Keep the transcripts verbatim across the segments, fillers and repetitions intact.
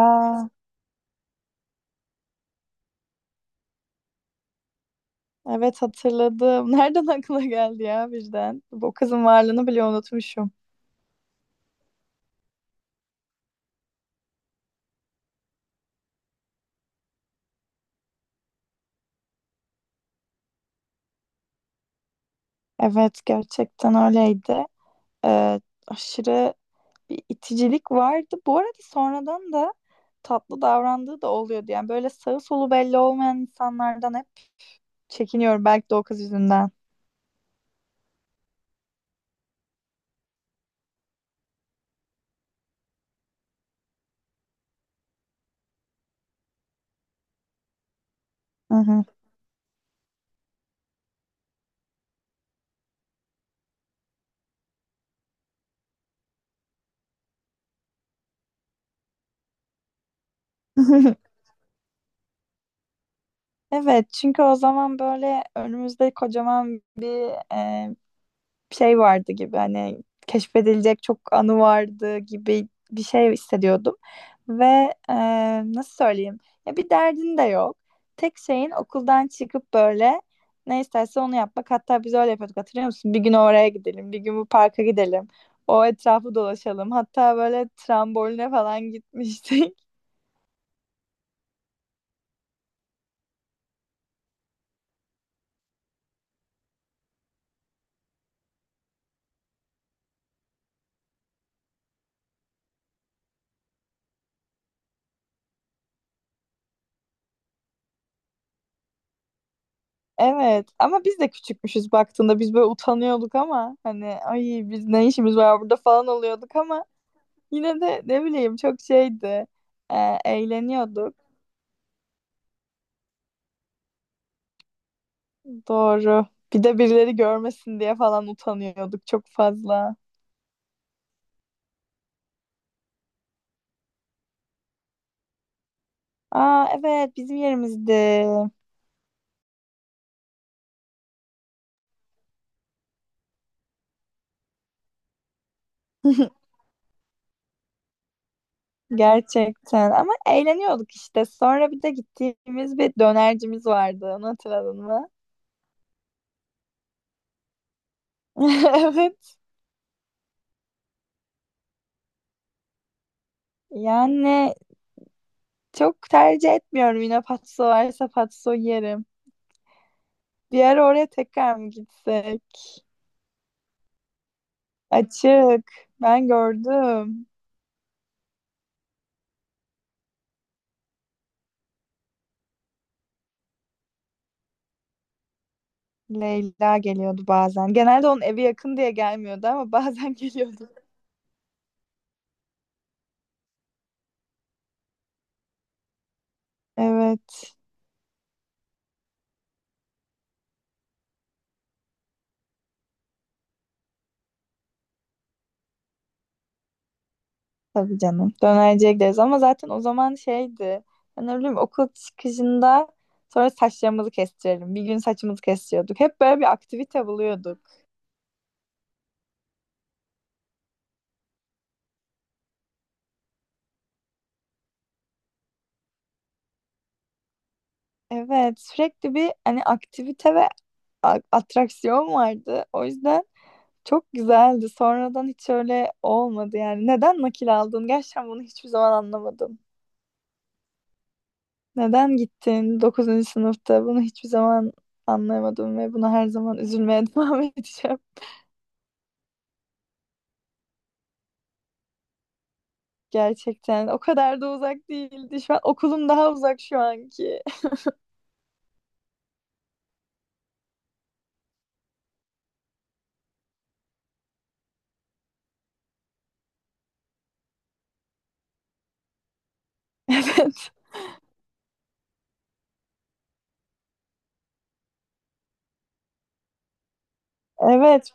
Aa, evet hatırladım. Nereden aklına geldi ya birden? Bu kızın varlığını bile unutmuşum. Evet gerçekten öyleydi. Ee, aşırı bir iticilik vardı. Bu arada sonradan da tatlı davrandığı da oluyordu. Yani böyle sağı solu belli olmayan insanlardan hep çekiniyorum. Belki de o kız yüzünden. Hı hı. Evet çünkü o zaman böyle önümüzde kocaman bir bir şey vardı gibi hani keşfedilecek çok anı vardı gibi bir şey hissediyordum. Ve e, nasıl söyleyeyim? Ya bir derdin de yok. Tek şeyin okuldan çıkıp böyle ne isterse onu yapmak. Hatta biz öyle yapıyorduk hatırlıyor musun? Bir gün oraya gidelim, bir gün bu parka gidelim. O etrafı dolaşalım. Hatta böyle tramboline falan gitmiştik. Evet ama biz de küçükmüşüz baktığında biz böyle utanıyorduk ama hani ay biz ne işimiz var burada falan oluyorduk ama yine de ne bileyim çok şeydi. Ee, eğleniyorduk. Doğru. Bir de birileri görmesin diye falan utanıyorduk çok fazla. Aa evet bizim yerimizdi. Gerçekten ama eğleniyorduk işte. Sonra bir de gittiğimiz bir dönercimiz vardı. Onu hatırladın mı? Evet. Yani çok tercih etmiyorum yine patso varsa patso yerim. Bir ara oraya tekrar mı gitsek? Açık. Ben gördüm. Leyla geliyordu bazen. Genelde onun evi yakın diye gelmiyordu ama bazen geliyordu. Evet. Tabii canım. Dönerciye gideriz ama zaten o zaman şeydi. Ben ne bileyim okul çıkışında sonra saçlarımızı kestirelim. Bir gün saçımızı kestiriyorduk. Hep böyle bir aktivite buluyorduk. Evet. Sürekli bir hani aktivite ve a- atraksiyon vardı. O yüzden çok güzeldi. Sonradan hiç öyle olmadı yani. Neden nakil aldın? Gerçekten bunu hiçbir zaman anlamadım. Neden gittin dokuzuncu sınıfta? Bunu hiçbir zaman anlayamadım ve buna her zaman üzülmeye devam edeceğim. Gerçekten o kadar da uzak değildi. Şu an okulum daha uzak şu anki. Evet. Evet.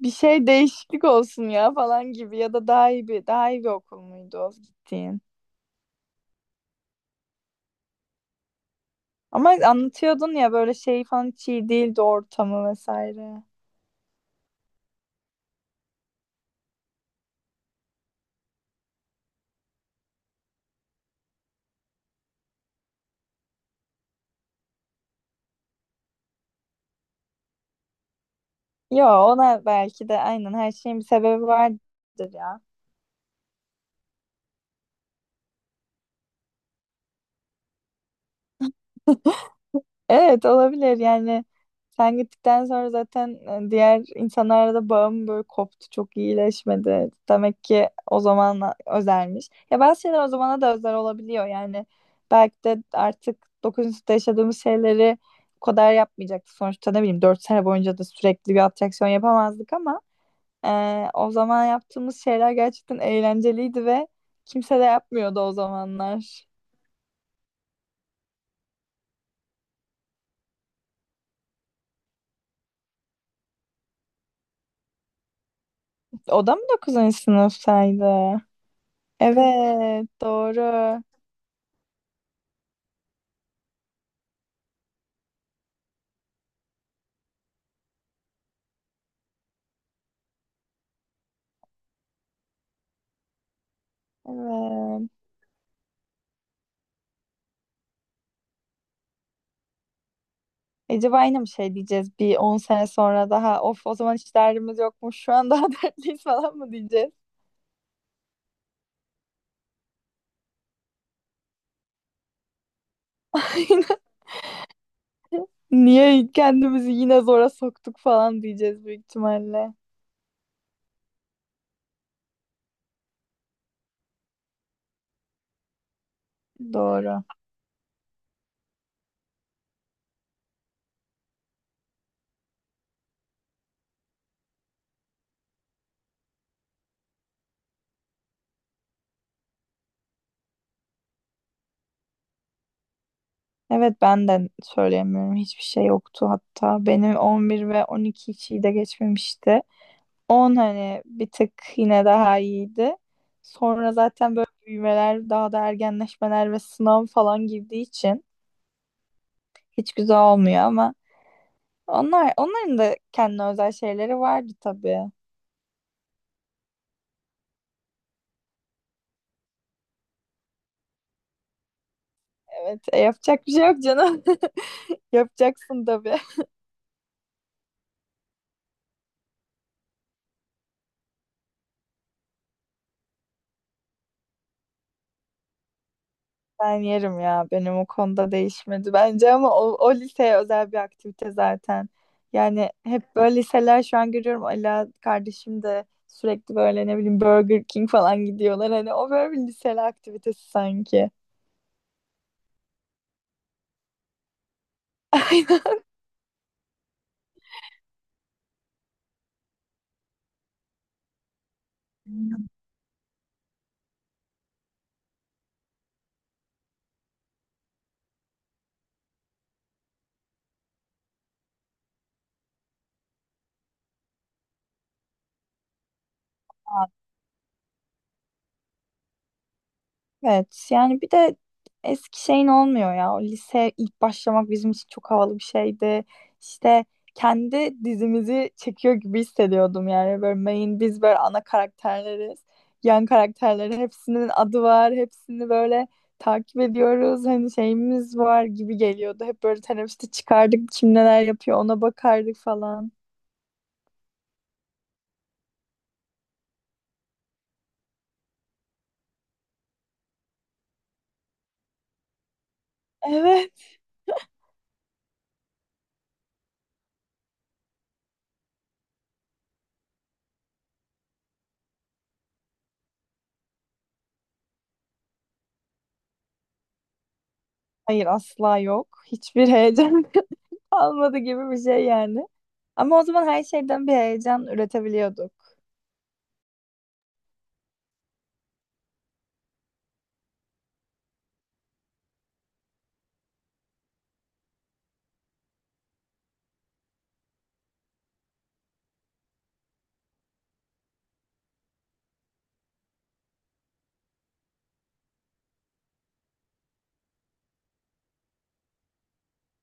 Bir şey değişiklik olsun ya falan gibi ya da daha iyi bir daha iyi bir okul muydu o gittiğin? Ama anlatıyordun ya böyle şey falan hiç iyi değildi ortamı vesaire. Yo ona belki de aynen her şeyin bir sebebi vardır ya. Evet olabilir yani sen gittikten sonra zaten e, diğer insanlarla da bağım böyle koptu çok iyileşmedi. Demek ki o zaman özelmiş. Ya bazı şeyler o zamana da özel olabiliyor yani belki de artık dokuzuncu sınıfta yaşadığımız şeyleri o kadar yapmayacaktık. Sonuçta ne bileyim dört sene boyunca da sürekli bir atraksiyon yapamazdık ama e, o zaman yaptığımız şeyler gerçekten eğlenceliydi ve kimse de yapmıyordu o zamanlar. O da mı dokuzuncu sınıftaydı? Evet, doğru. Evet. Acaba aynı mı şey diyeceğiz bir on sene sonra daha of o zaman hiç derdimiz yokmuş şu an daha dertliyiz falan mı diyeceğiz? Niye kendimizi yine zora soktuk falan diyeceğiz büyük ihtimalle. Doğru. Evet ben de söyleyemiyorum. Hiçbir şey yoktu hatta. Benim on bir ve on iki içi de geçmemişti. On hani bir tık yine daha iyiydi. Sonra zaten böyle büyümeler, daha da ergenleşmeler ve sınav falan girdiği için hiç güzel olmuyor ama onlar onların da kendine özel şeyleri vardı tabii. Evet, e, yapacak bir şey yok canım. Yapacaksın tabii. Ben yerim ya. Benim o konuda değişmedi bence ama o, o liseye özel bir aktivite zaten. Yani hep böyle liseler şu an görüyorum. Ala kardeşim de sürekli böyle ne bileyim Burger King falan gidiyorlar. Hani o böyle bir liseli aktivitesi sanki. Aynen. Evet yani bir de eski şeyin olmuyor ya. O lise ilk başlamak bizim için çok havalı bir şeydi. İşte kendi dizimizi çekiyor gibi hissediyordum yani. Böyle main biz böyle ana karakterleriz. Yan karakterlerin hepsinin adı var. Hepsini böyle takip ediyoruz. Hani şeyimiz var gibi geliyordu. Hep böyle teneffüste çıkardık. Kim neler yapıyor ona bakardık falan. Evet. Hayır asla yok. Hiçbir heyecan. Almadı gibi bir şey yani. Ama o zaman her şeyden bir heyecan üretebiliyorduk.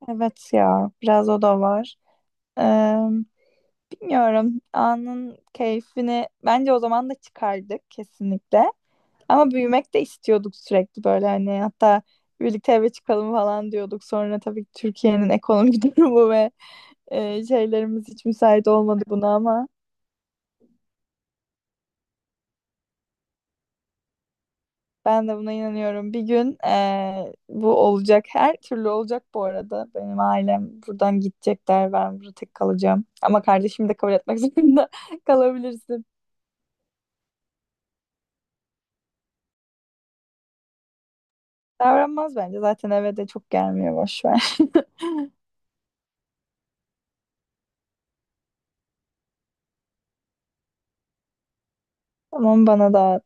Evet ya, biraz o da var. Ee, Bilmiyorum, anın keyfini bence o zaman da çıkardık kesinlikle. Ama büyümek de istiyorduk sürekli böyle hani hatta birlikte eve çıkalım falan diyorduk. Sonra tabii ki Türkiye'nin ekonomik durumu ve e, şeylerimiz hiç müsait olmadı buna ama. Ben de buna inanıyorum. Bir gün eee, bu olacak. Her türlü olacak bu arada. Benim ailem buradan gidecekler. Ben burada tek kalacağım. Ama kardeşim de kabul etmek zorunda kalabilirsin. Davranmaz bence. Zaten eve de çok gelmiyor. Boş ver. Tamam bana da